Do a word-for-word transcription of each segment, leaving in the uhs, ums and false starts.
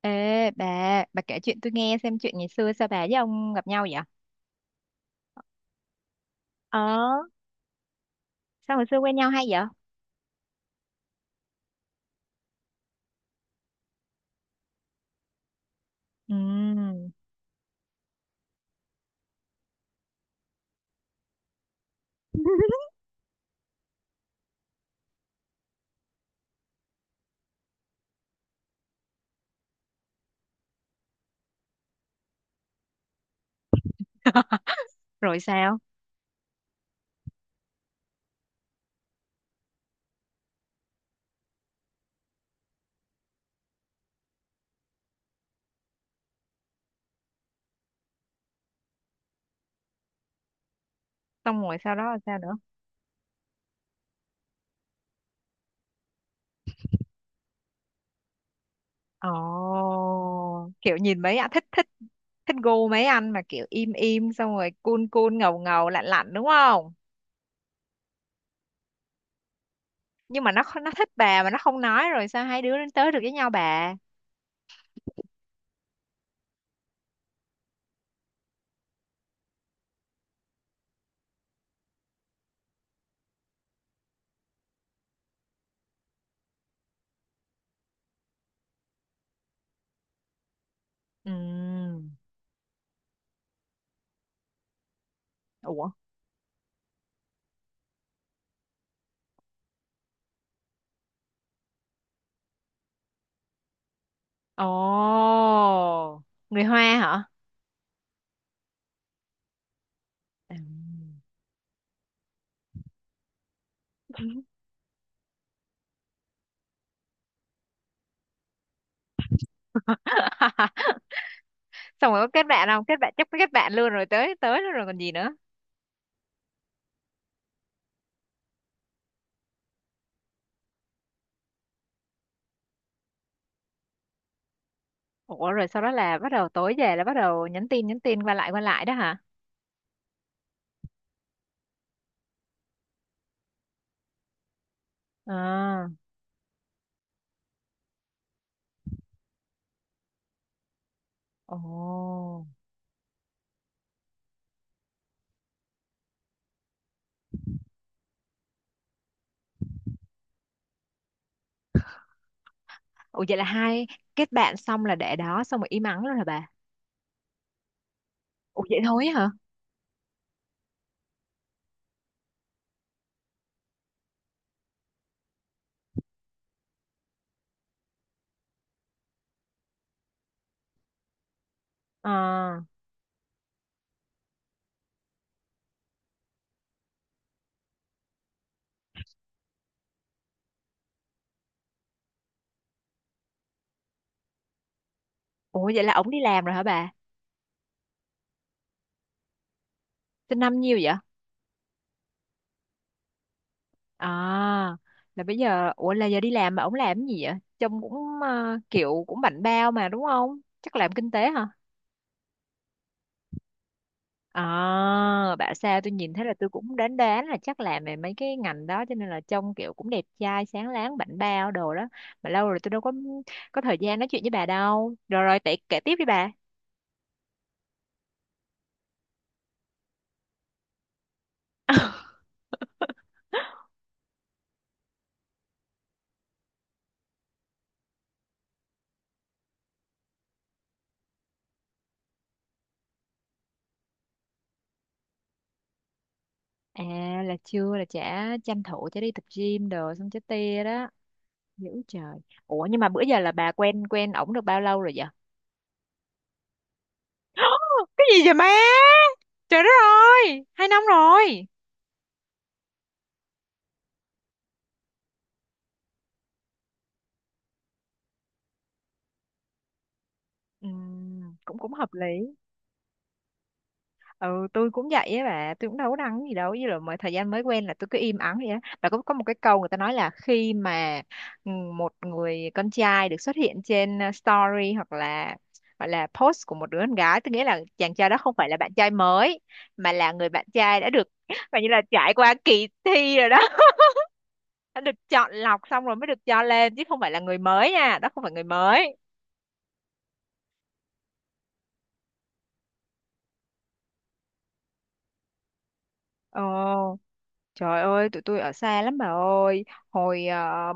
Ê bà, bà kể chuyện tôi nghe xem chuyện ngày xưa sao bà với ông gặp nhau vậy? Ờ, sao hồi xưa quen nhau hay vậy? Ừ. Rồi sao? Xong rồi sau đó là sao nữa? Ồ, kiểu nhìn mấy anh thích thích thích gu mấy anh mà kiểu im im xong rồi cool cool ngầu ngầu lạnh lạnh đúng không? Nhưng mà nó không- nó thích bà mà nó không nói, rồi sao hai đứa đến tới được với nhau bà? Ừ. Ủa? Ồ, người Hoa hả? Ừ. Xong rồi có kết bạn không kết bạn, chắc có kết bạn luôn rồi, tới tới luôn rồi còn gì nữa. Ủa rồi sau đó là bắt đầu tối về là bắt đầu nhắn tin nhắn tin qua lại qua lại đó hả? À, ồ, ủa vậy là hai kết bạn xong là để đó xong rồi im ắng luôn hả bà? Ủa vậy thôi á hả? ờ Ủa vậy là ổng đi làm rồi hả bà? Sinh năm nhiêu vậy? À là bây giờ, ủa là giờ đi làm mà ổng làm cái gì vậy? Trông cũng ờ, kiểu cũng bảnh bao mà đúng không, chắc làm kinh tế hả? À, bảo sao tôi nhìn thấy là tôi cũng đoán đoán là chắc làm về mấy cái ngành đó, cho nên là trông kiểu cũng đẹp trai sáng láng bảnh bao đồ đó. Mà lâu rồi tôi đâu có có thời gian nói chuyện với bà đâu, rồi rồi tệ kể tiếp đi bà. À là chưa, là chả tranh thủ chả đi tập gym đồ xong chả tia đó. Dữ trời. Ủa nhưng mà bữa giờ là bà quen quen ổng được bao lâu rồi vậy? Cái gì vậy má? Trời đất ơi, hai năm rồi. Ừm, cũng cũng hợp lý. Ừ tôi cũng vậy á bà, tôi cũng đâu có đăng gì đâu, với là mà thời gian mới quen là tôi cứ im ắng vậy á bà, có có một cái câu người ta nói là khi mà ừ, một người con trai được xuất hiện trên ờ, story hoặc là gọi là post của một đứa con gái tôi, nghĩa là chàng trai đó không phải là bạn trai mới, mà là người bạn trai đã được và như là trải qua kỳ thi rồi đó. Đã được chọn lọc xong rồi mới được cho lên, chứ không phải là người mới nha, đó không phải người mới. Ồ. Trời ơi, tụi tôi ở xa lắm bà ơi. Hồi ờ,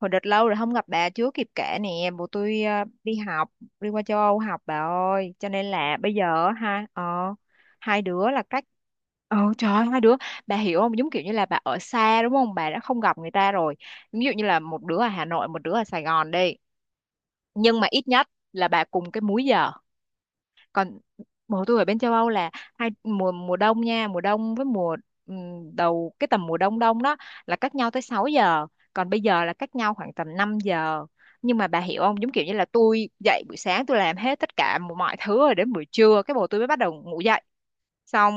hồi đợt lâu rồi không gặp bà chưa kịp kể nè. Bố tôi ờ, đi học, đi qua châu Âu học bà ơi. Cho nên là bây giờ hai ờ hai đứa là cách. Ờ trời ơi, hai đứa, bà hiểu không, giống kiểu như là bà ở xa đúng không, bà đã không gặp người ta rồi, ví dụ như là một đứa ở Hà Nội một đứa ở Sài Gòn đi, nhưng mà ít nhất là bà cùng cái múi giờ. Còn mùa tôi ở bên châu Âu là hai mùa, mùa đông nha, mùa đông với mùa ừm, đầu cái tầm mùa đông đông đó, là cách nhau tới sáu giờ. Còn bây giờ là cách nhau khoảng tầm năm giờ. Nhưng mà bà hiểu không, giống kiểu như là tôi dậy buổi sáng tôi làm hết tất cả mọi thứ rồi đến buổi trưa cái bồ tôi mới bắt đầu ngủ dậy. Xong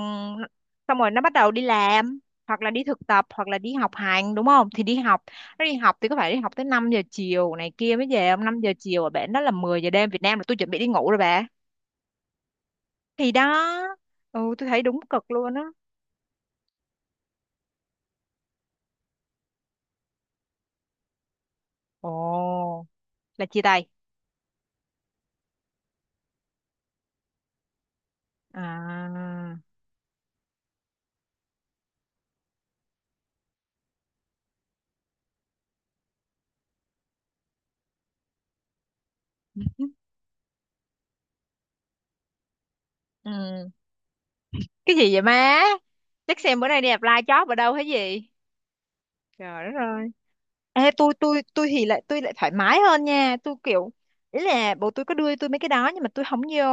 xong rồi nó bắt đầu đi làm hoặc là đi thực tập hoặc là đi học hành đúng không, thì đi học, nó đi học thì có phải đi học tới năm giờ chiều này kia mới về không, năm giờ chiều ở bển đó là mười giờ đêm Việt Nam là tôi chuẩn bị đi ngủ rồi bà. Thì đó. Ừ tôi thấy đúng cực luôn á. Ồ, là chia tay à. Ừ. Cái gì vậy má, chắc xem bữa nay đi apply job ở đâu hay gì. Trời đất ơi. Ê tôi tôi tôi thì lại tôi lại thoải mái hơn nha, tôi kiểu, ý là bố tôi có đưa tôi mấy cái đó nhưng mà tôi không vô,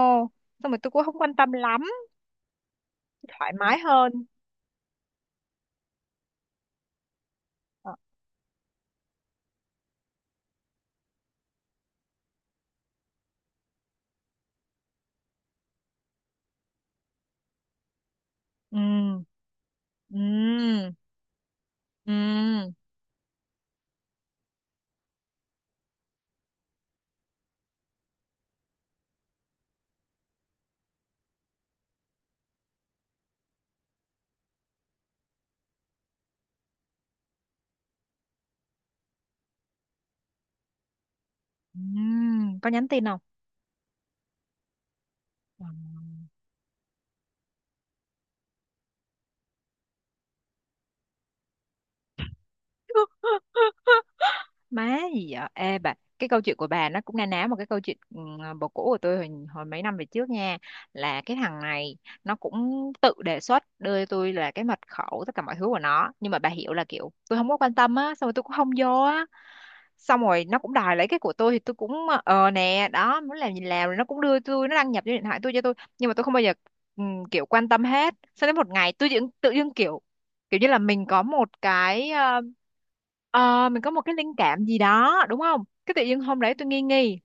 xong rồi tôi cũng không quan tâm lắm. Thoải. Ừ. Mái hơn. Ờ, ừ, ừ, ừ, ừ, có nhắn tin không? Ừ. Má gì vậy ê bà, cái câu chuyện của bà nó cũng na ná một cái câu chuyện, ừ, bồ cũ của tôi hồi, hồi mấy năm về trước nha, là cái thằng này nó cũng tự đề xuất đưa cho tôi là cái mật khẩu tất cả mọi thứ của nó, nhưng mà bà hiểu là kiểu tôi không có quan tâm á, xong rồi tôi cũng không vô á. Xong rồi nó cũng đòi lấy cái của tôi thì tôi cũng ờ nè đó, muốn làm gì làm, rồi nó cũng đưa tôi, nó đăng nhập vô điện thoại tôi cho tôi nhưng mà tôi không bao giờ ừ, kiểu quan tâm hết. Sau đến một ngày tôi tự, tự dưng kiểu kiểu như là mình có một cái. Ờ, mình có một cái linh cảm gì đó đúng không, cái tự nhiên hôm đấy tôi nghi nghi,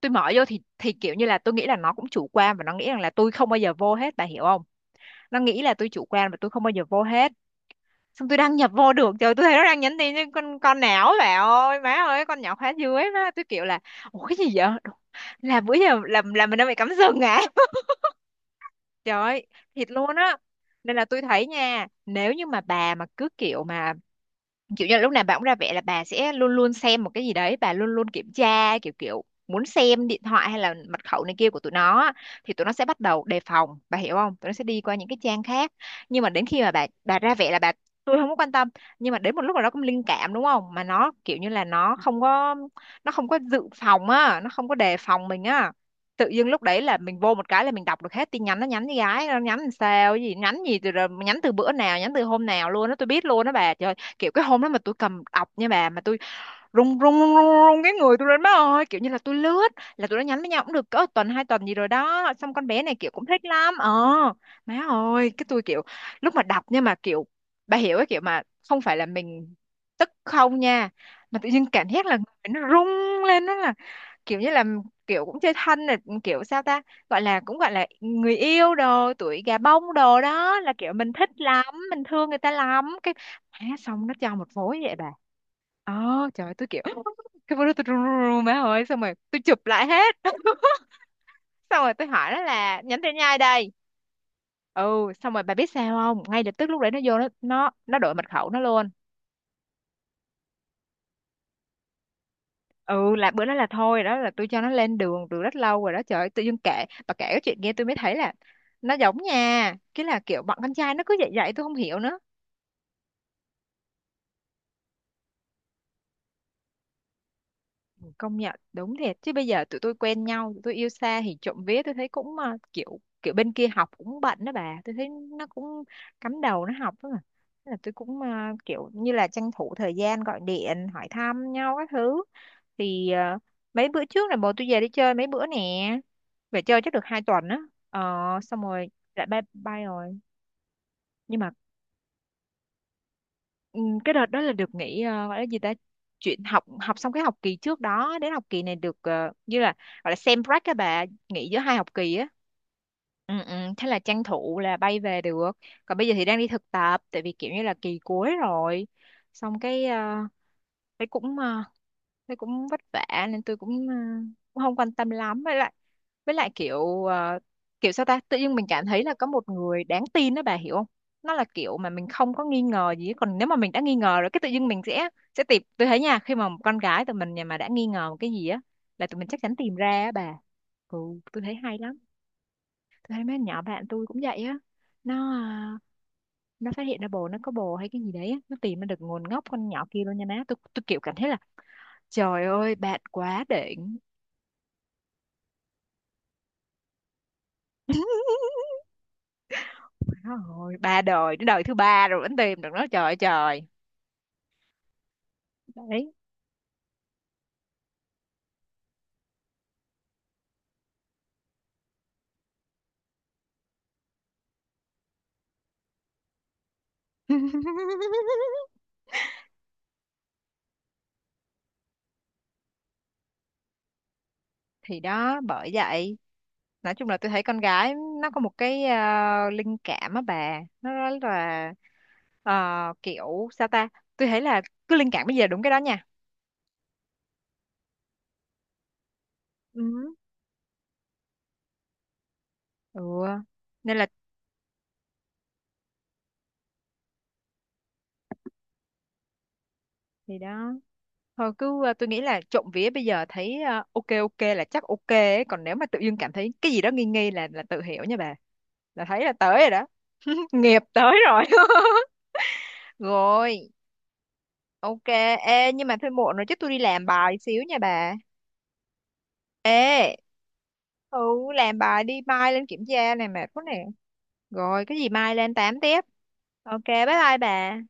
tôi mở vô thì thì kiểu như là tôi nghĩ là nó cũng chủ quan và nó nghĩ rằng là tôi không bao giờ vô hết, bà hiểu không, nó nghĩ là tôi chủ quan và tôi không bao giờ vô hết. Xong tôi đăng nhập vô được, trời tôi thấy nó đang nhắn tin với con con não bà ơi, má ơi con nhỏ khóa dưới má, tôi kiểu là ủa cái gì vậy. Đúng, là bữa giờ làm làm mình đang bị cắm sừng à. Trời ơi. Thiệt luôn á. Nên là tôi thấy nha, nếu như mà bà mà cứ kiểu mà kiểu như là lúc nào bà cũng ra vẻ là bà sẽ luôn luôn xem một cái gì đấy, bà luôn luôn kiểm tra kiểu kiểu muốn xem điện thoại hay là mật khẩu này kia của tụi nó á, thì tụi nó sẽ bắt đầu đề phòng, bà hiểu không, tụi nó sẽ đi qua những cái trang khác. Nhưng mà đến khi mà bà bà ra vẻ là bà tôi không có quan tâm, nhưng mà đến một lúc nào đó cũng linh cảm đúng không, mà nó kiểu như là nó không có, nó không có dự phòng á, nó không có đề phòng mình á, tự dưng lúc đấy là mình vô một cái là mình đọc được hết tin nhắn, nó nhắn với gái, nó nhắn làm sao, cái gì, nhắn gì từ, rồi nhắn từ bữa nào, nhắn từ hôm nào luôn đó, tôi biết luôn đó bà trời. Kiểu cái hôm đó mà tôi cầm ọc nha bà, mà tôi rung rung rung rung rùng cái người tôi lên má ơi, kiểu như là tôi lướt, là tôi đã nhắn với nhau cũng được cỡ tuần hai tuần gì rồi đó, xong con bé này kiểu cũng thích lắm ờ, má ơi cái tôi kiểu lúc mà đọc, nhưng mà kiểu bà hiểu cái kiểu mà không phải là mình tức không nha, mà tự nhiên cảm giác là người nó rung lên đó, là kiểu như là kiểu cũng chơi thân này kiểu sao ta, gọi là cũng gọi là người yêu đồ tuổi gà bông đồ đó, là kiểu mình thích lắm mình thương người ta lắm, cái má xong nó cho một phối vậy bà. Ờ, trời ơi, tôi kiểu cái bữa đó tôi run run run má ơi, xong rồi tôi chụp lại hết. Xong rồi tôi hỏi nó là nhánh thế nhai đây. Ừ xong rồi bà biết sao không, ngay lập tức lúc đấy nó vô nó nó nó đổi mật khẩu nó luôn. Ừ là bữa đó là thôi, đó là tôi cho nó lên đường từ rất lâu rồi đó. Trời ơi, tự dưng kể, bà kể cái chuyện nghe tôi mới thấy là nó giống nha, cái là kiểu bọn con trai nó cứ vậy vậy tôi không hiểu nữa. Công nhận đúng thiệt, chứ bây giờ tụi tôi quen nhau tụi tôi yêu xa thì trộm vía tôi thấy cũng ờ, kiểu kiểu bên kia học cũng bận đó bà, tôi thấy nó cũng cắm đầu nó học đó mà. Thế là tôi cũng ờ, kiểu như là tranh thủ thời gian gọi điện hỏi thăm nhau các thứ, thì ờ, mấy bữa trước là bố tôi về đi chơi mấy bữa nè, về chơi chắc được hai tuần á. Ờ xong rồi lại bye bye rồi. Nhưng mà, ừ, cái đợt đó là được nghỉ ờ, gọi là gì ta, chuyện học học xong cái học kỳ trước đó đến học kỳ này được ờ, như là gọi là sem break các bà, nghỉ giữa hai học kỳ á. Ừ, ừ, thế là tranh thủ là bay về được. Còn bây giờ thì đang đi thực tập tại vì kiểu như là kỳ cuối rồi. Xong cái ờ, thế cũng ờ, thế cũng vất vả nên tôi cũng, ờ, cũng không quan tâm lắm, với lại với lại kiểu ờ, kiểu sao ta, tự nhiên mình cảm thấy là có một người đáng tin đó bà hiểu không, nó là kiểu mà mình không có nghi ngờ gì hết. Còn nếu mà mình đã nghi ngờ rồi cái tự nhiên mình sẽ sẽ tìm, tôi thấy nha khi mà một con gái tụi mình nhà mà đã nghi ngờ một cái gì á là tụi mình chắc chắn tìm ra á bà. Ừ tôi thấy hay lắm, tôi thấy mấy con nhỏ bạn tôi cũng vậy á, nó ờ, nó phát hiện ra bồ nó có bồ hay cái gì đấy á, nó tìm ra được nguồn gốc con nhỏ kia luôn nha má, tôi tôi kiểu cảm thấy là trời ơi, bạn quá đỉnh. Rồi, ba đời, đến đời thứ ba rồi vẫn tìm được nó, trời ơi trời. Đấy. Thì đó, bởi vậy. Nói chung là tôi thấy con gái nó có một cái ờ, linh cảm á bà. Nó rất là ờ, kiểu sao ta? Tôi thấy là cứ linh cảm bây giờ đúng cái đó nha. Ừ. Ừ. Nên là thì đó, thôi cứ ờ, tôi nghĩ là trộm vía bây giờ thấy ờ, ok ok là chắc ok ấy. Còn nếu mà tự dưng cảm thấy cái gì đó nghi nghi là là tự hiểu nha bà, là thấy là tới rồi đó. Nghiệp tới rồi. Rồi ok. Ê nhưng mà thôi muộn rồi, chứ tôi đi làm bài xíu nha bà. Ê ừ làm bài đi mai lên kiểm tra này, mệt quá nè. Rồi cái gì mai lên tám tiếp. OK, bye bye bà.